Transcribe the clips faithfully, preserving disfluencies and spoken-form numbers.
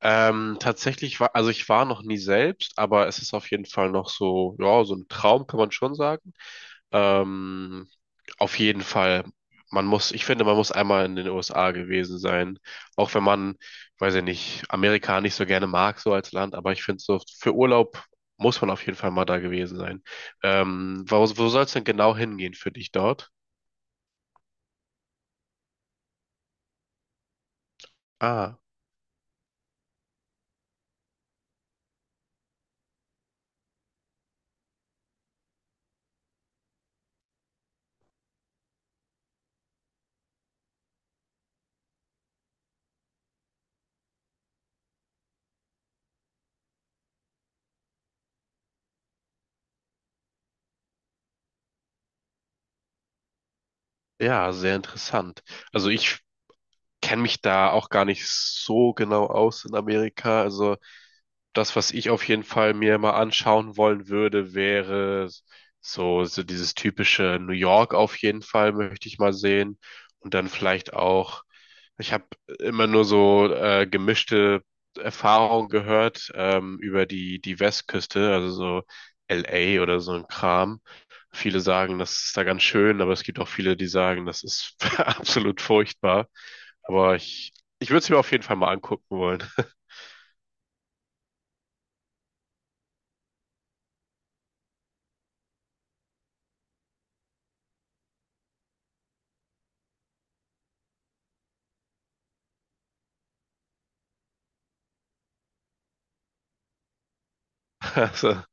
Ähm, tatsächlich war, also ich war noch nie selbst, aber es ist auf jeden Fall noch so, ja, so ein Traum kann man schon sagen. Ähm, auf jeden Fall, man muss, ich finde, man muss einmal in den U S A gewesen sein. Auch wenn man, weiß ich nicht, Amerika nicht so gerne mag, so als Land, aber ich finde so, für Urlaub muss man auf jeden Fall mal da gewesen sein. Ähm, wo, wo soll es denn genau hingehen für dich dort? Ah, ja, sehr interessant. Also ich kenne mich da auch gar nicht so genau aus in Amerika. Also das, was ich auf jeden Fall mir mal anschauen wollen würde, wäre so, so dieses typische New York auf jeden Fall möchte ich mal sehen. Und dann vielleicht auch, ich habe immer nur so äh, gemischte Erfahrungen gehört, ähm, über die, die Westküste, also so L A oder so ein Kram. Viele sagen, das ist da ganz schön, aber es gibt auch viele, die sagen, das ist absolut furchtbar. Aber ich, ich würde es mir auf jeden Fall mal angucken wollen. Also,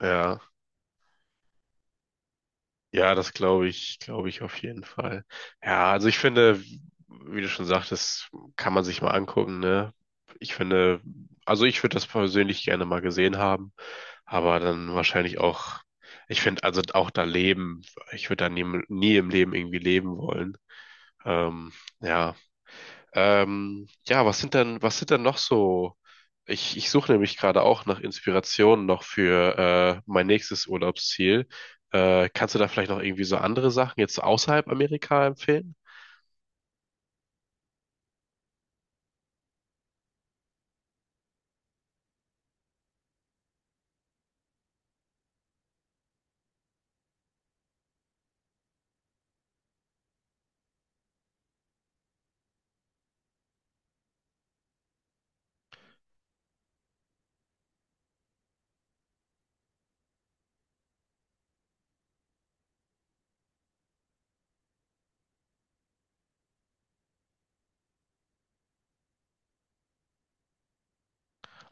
ja. Ja, das glaube ich, glaube ich auf jeden Fall. Ja, also ich finde, wie du schon sagtest, kann man sich mal angucken, ne? Ich finde, also ich würde das persönlich gerne mal gesehen haben, aber dann wahrscheinlich auch, ich finde, also auch da leben, ich würde da nie, nie im Leben irgendwie leben wollen. Ähm, ja, ähm, ja, was sind denn, was sind denn noch so? Ich, ich suche nämlich gerade auch nach Inspirationen noch für äh, mein nächstes Urlaubsziel. Äh, kannst du da vielleicht noch irgendwie so andere Sachen jetzt außerhalb Amerika empfehlen?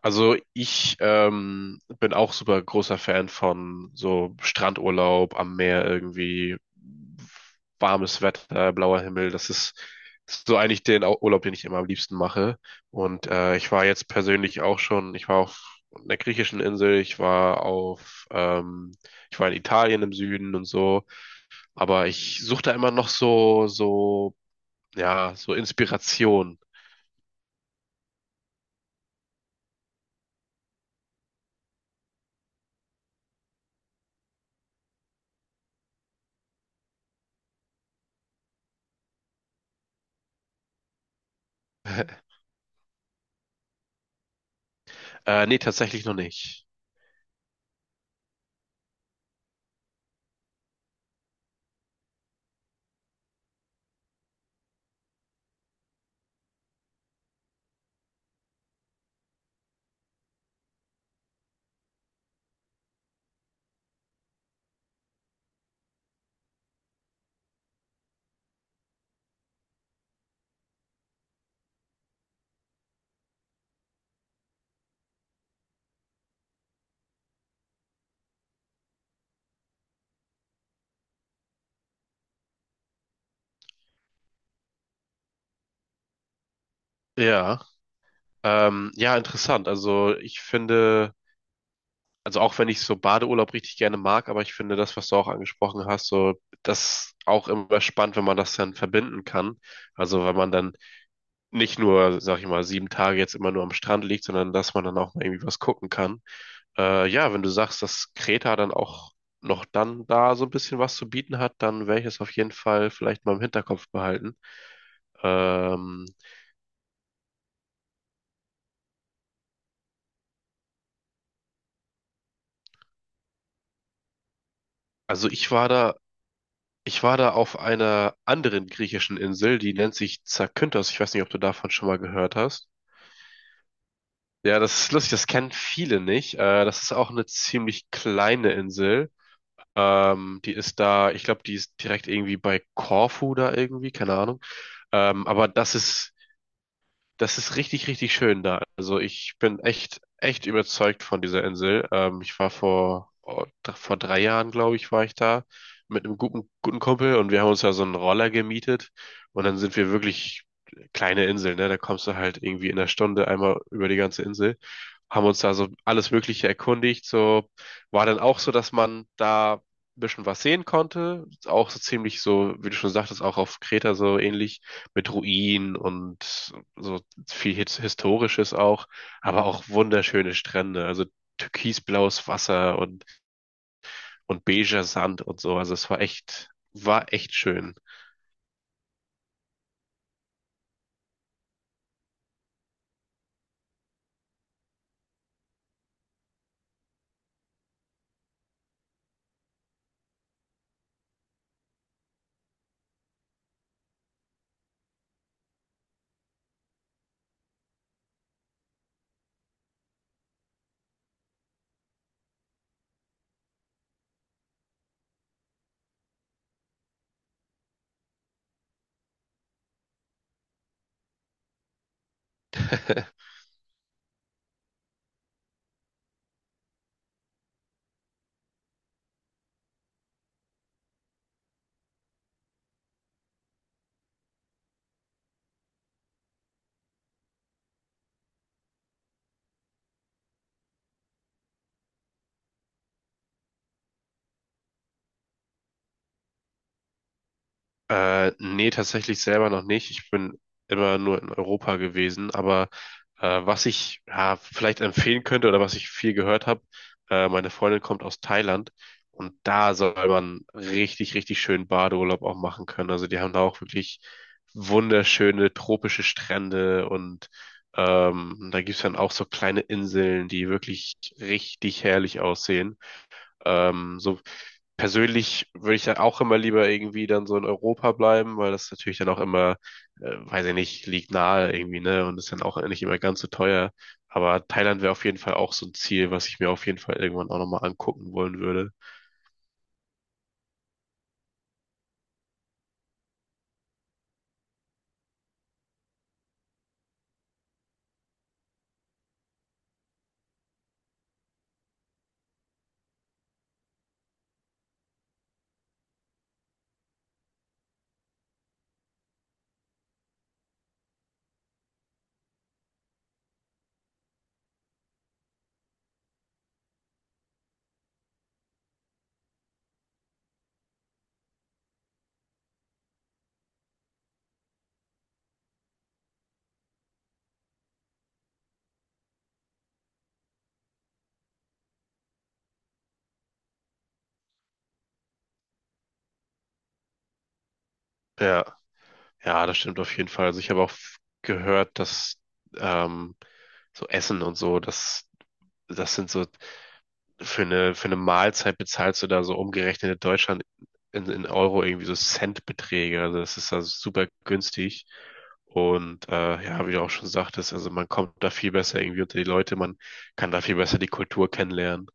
Also ich ähm, bin auch super großer Fan von so Strandurlaub am Meer irgendwie, warmes Wetter, blauer Himmel. Das ist, so eigentlich den Au- Urlaub, den ich immer am liebsten mache. Und äh, ich war jetzt persönlich auch schon, ich war auf einer griechischen Insel, ich war auf, ähm, ich war in Italien im Süden und so. Aber ich suche da immer noch so, so, ja, so Inspiration. Äh, nee, tatsächlich noch nicht. Ja. Ähm, ja, interessant. Also ich finde, also auch wenn ich so Badeurlaub richtig gerne mag, aber ich finde das, was du auch angesprochen hast, so das auch immer spannend, wenn man das dann verbinden kann. Also wenn man dann nicht nur, sag ich mal, sieben Tage jetzt immer nur am Strand liegt, sondern dass man dann auch mal irgendwie was gucken kann. Äh, ja, wenn du sagst, dass Kreta dann auch noch dann da so ein bisschen was zu bieten hat, dann werde ich es auf jeden Fall vielleicht mal im Hinterkopf behalten. Ähm, also ich war da ich war da auf einer anderen griechischen Insel, die nennt sich Zakynthos. Ich weiß nicht, ob du davon schon mal gehört hast. Ja, das ist lustig, das kennen viele nicht. Äh, das ist auch eine ziemlich kleine Insel. Ähm, die ist da, ich glaube, die ist direkt irgendwie bei Korfu da irgendwie, keine Ahnung. Ähm, aber das ist Das ist richtig, richtig schön da. Also ich bin echt, echt überzeugt von dieser Insel. Ähm, ich war vor, oh, dr- vor drei Jahren, glaube ich, war ich da mit einem guten, guten Kumpel, und wir haben uns da so einen Roller gemietet, und dann sind wir wirklich, kleine Insel, ne? Da kommst du halt irgendwie in einer Stunde einmal über die ganze Insel. Haben uns da so alles Mögliche erkundigt. So war dann auch so, dass man da ein bisschen was sehen konnte. Auch so ziemlich so, wie du schon sagtest, auch auf Kreta so ähnlich, mit Ruinen und so viel His- Historisches auch, aber auch wunderschöne Strände, also türkisblaues Wasser und, und beiger Sand und so. Also es war echt, war echt schön. Äh, nee, tatsächlich selber noch nicht. Ich bin immer nur in Europa gewesen, aber äh, was ich ja vielleicht empfehlen könnte oder was ich viel gehört habe, äh, meine Freundin kommt aus Thailand, und da soll man richtig, richtig schönen Badeurlaub auch machen können. Also die haben da auch wirklich wunderschöne tropische Strände, und ähm, da gibt's dann auch so kleine Inseln, die wirklich richtig herrlich aussehen. Ähm, so persönlich würde ich dann auch immer lieber irgendwie dann so in Europa bleiben, weil das natürlich dann auch immer, äh, weiß ich nicht, liegt nahe irgendwie, ne? Und ist dann auch nicht immer ganz so teuer. Aber Thailand wäre auf jeden Fall auch so ein Ziel, was ich mir auf jeden Fall irgendwann auch nochmal angucken wollen würde. Ja, ja, das stimmt auf jeden Fall. Also ich habe auch f- gehört, dass ähm, so Essen und so, das, das sind so. für eine, für eine Mahlzeit bezahlst du da so umgerechnet in Deutschland in, in Euro irgendwie so Centbeträge. Also das ist da super günstig. Und äh, ja, wie du auch schon sagtest, also man kommt da viel besser irgendwie unter die Leute, man kann da viel besser die Kultur kennenlernen.